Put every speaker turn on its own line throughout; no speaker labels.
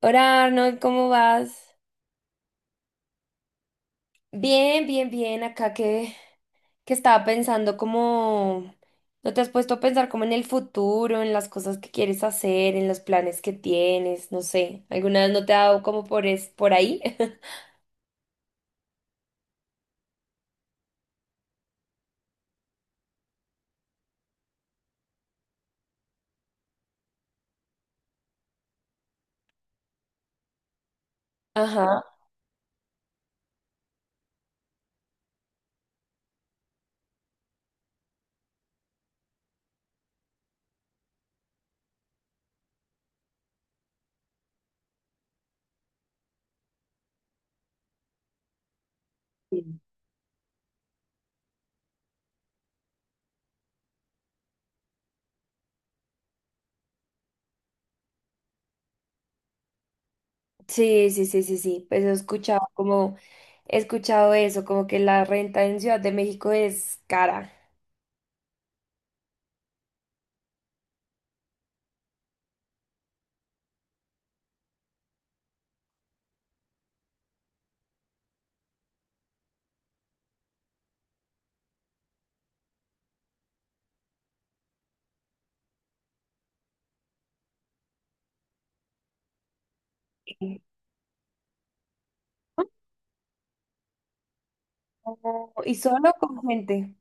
Hola Arnold, ¿cómo vas? Bien. Acá que estaba pensando como... ¿No te has puesto a pensar como en el futuro, en las cosas que quieres hacer, en los planes que tienes? No sé. ¿Alguna vez no te ha dado como por ahí? Ajá. Sí, pues he escuchado como... He escuchado eso, como que la renta en Ciudad de México es cara. Sí. Oh, ¿y solo con gente?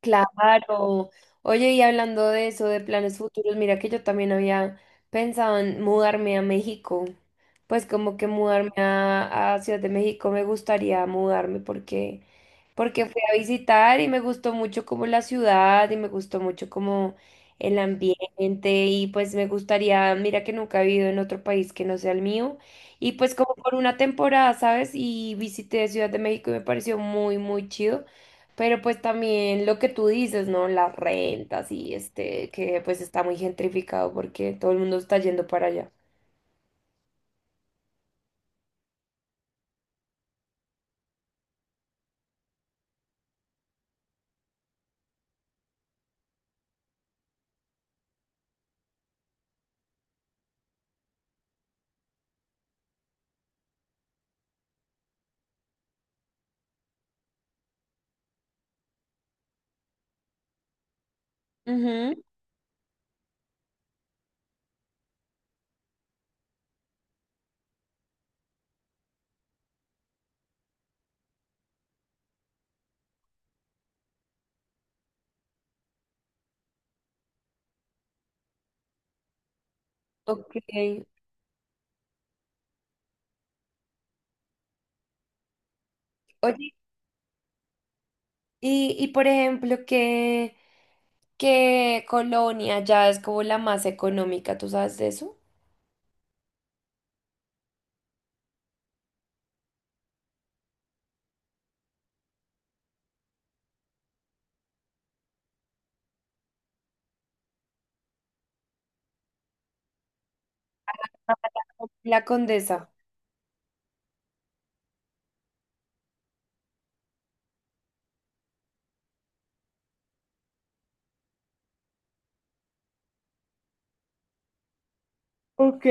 Claro. Oye, y hablando de eso, de planes futuros, mira que yo también había pensado en mudarme a México. Pues como que mudarme a Ciudad de México me gustaría mudarme porque fui a visitar y me gustó mucho como la ciudad y me gustó mucho como el ambiente y pues me gustaría, mira que nunca he vivido en otro país que no sea el mío y pues como por una temporada, ¿sabes? Y visité Ciudad de México y me pareció muy chido. Pero pues también lo que tú dices, ¿no? Las rentas y este, que pues está muy gentrificado porque todo el mundo está yendo para allá. Ujú, ok. Oye, y por ejemplo, ¿ qué colonia ya es como la más económica? ¿Tú sabes de eso? Ah, La Condesa. Ok.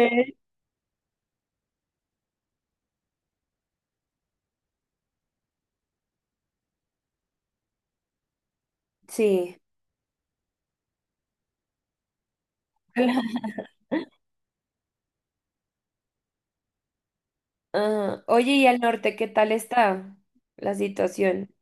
Sí. Ajá. Oye, ¿y al norte qué tal está la situación?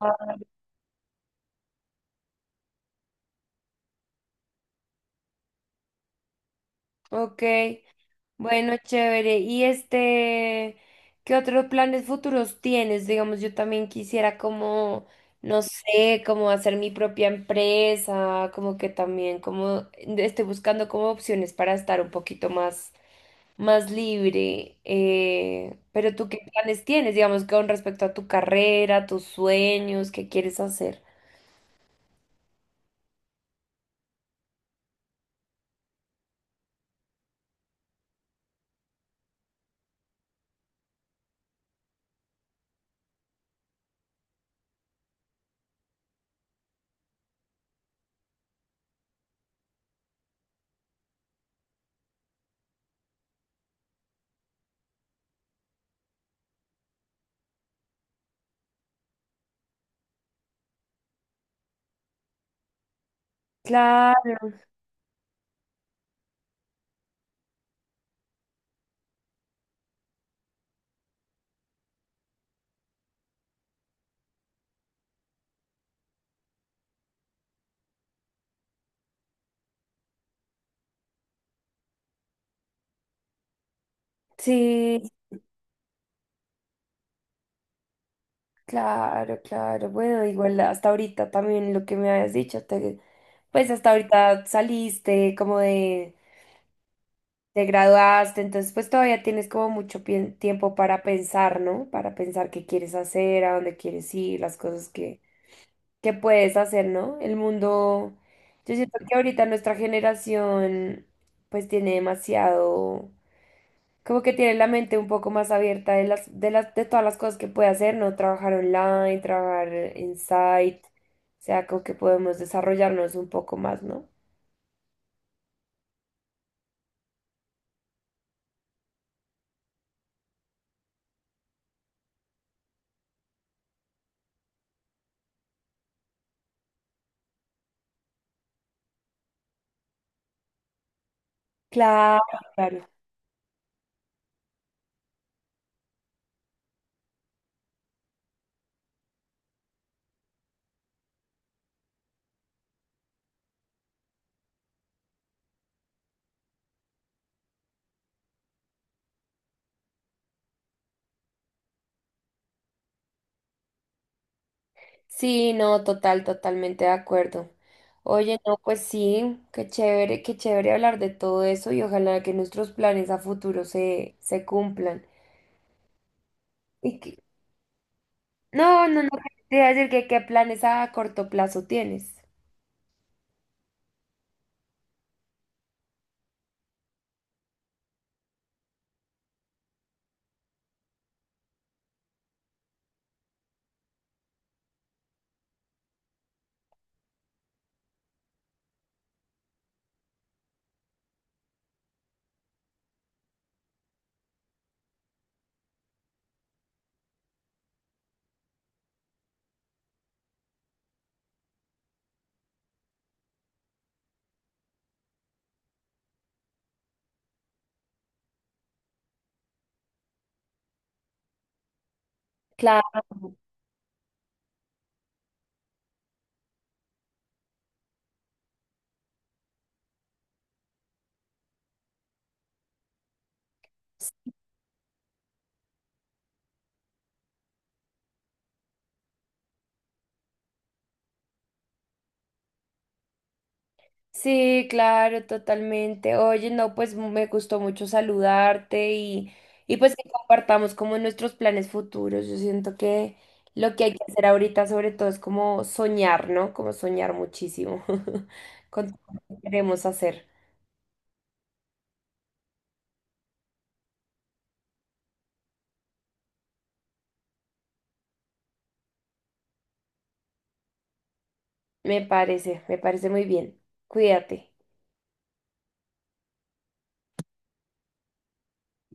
Ah. Ok. Bueno, chévere. Y este, ¿qué otros planes futuros tienes? Digamos, yo también quisiera como, no sé, como hacer mi propia empresa, como que también, como estoy buscando como opciones para estar un poquito más, más libre. Pero tú, ¿qué planes tienes? Digamos, con respecto a tu carrera, tus sueños, ¿qué quieres hacer? Claro, sí. Claro. Bueno, igual hasta ahorita también lo que me habías dicho, pues hasta ahorita saliste, como de, te graduaste, entonces pues todavía tienes como tiempo para pensar, ¿no? Para pensar qué quieres hacer, a dónde quieres ir, las cosas que puedes hacer, ¿no? El mundo, yo siento que ahorita nuestra generación pues tiene demasiado como que tiene la mente un poco más abierta de de todas las cosas que puede hacer, ¿no? Trabajar online, trabajar en site, o sea, como que podemos desarrollarnos un poco más, ¿no? Claro, claro. Sí, no, totalmente de acuerdo. Oye, no, pues sí, qué chévere hablar de todo eso y ojalá que nuestros planes a futuro se cumplan. Y que- no, no, no, te iba a decir que qué planes a corto plazo tienes. Claro. Sí, claro, totalmente. Oye, no, pues me gustó mucho saludarte y pues que compartamos como nuestros planes futuros. Yo siento que lo que hay que hacer ahorita sobre todo es como soñar, ¿no? Como soñar muchísimo con todo lo que queremos hacer. Me parece muy bien. Cuídate.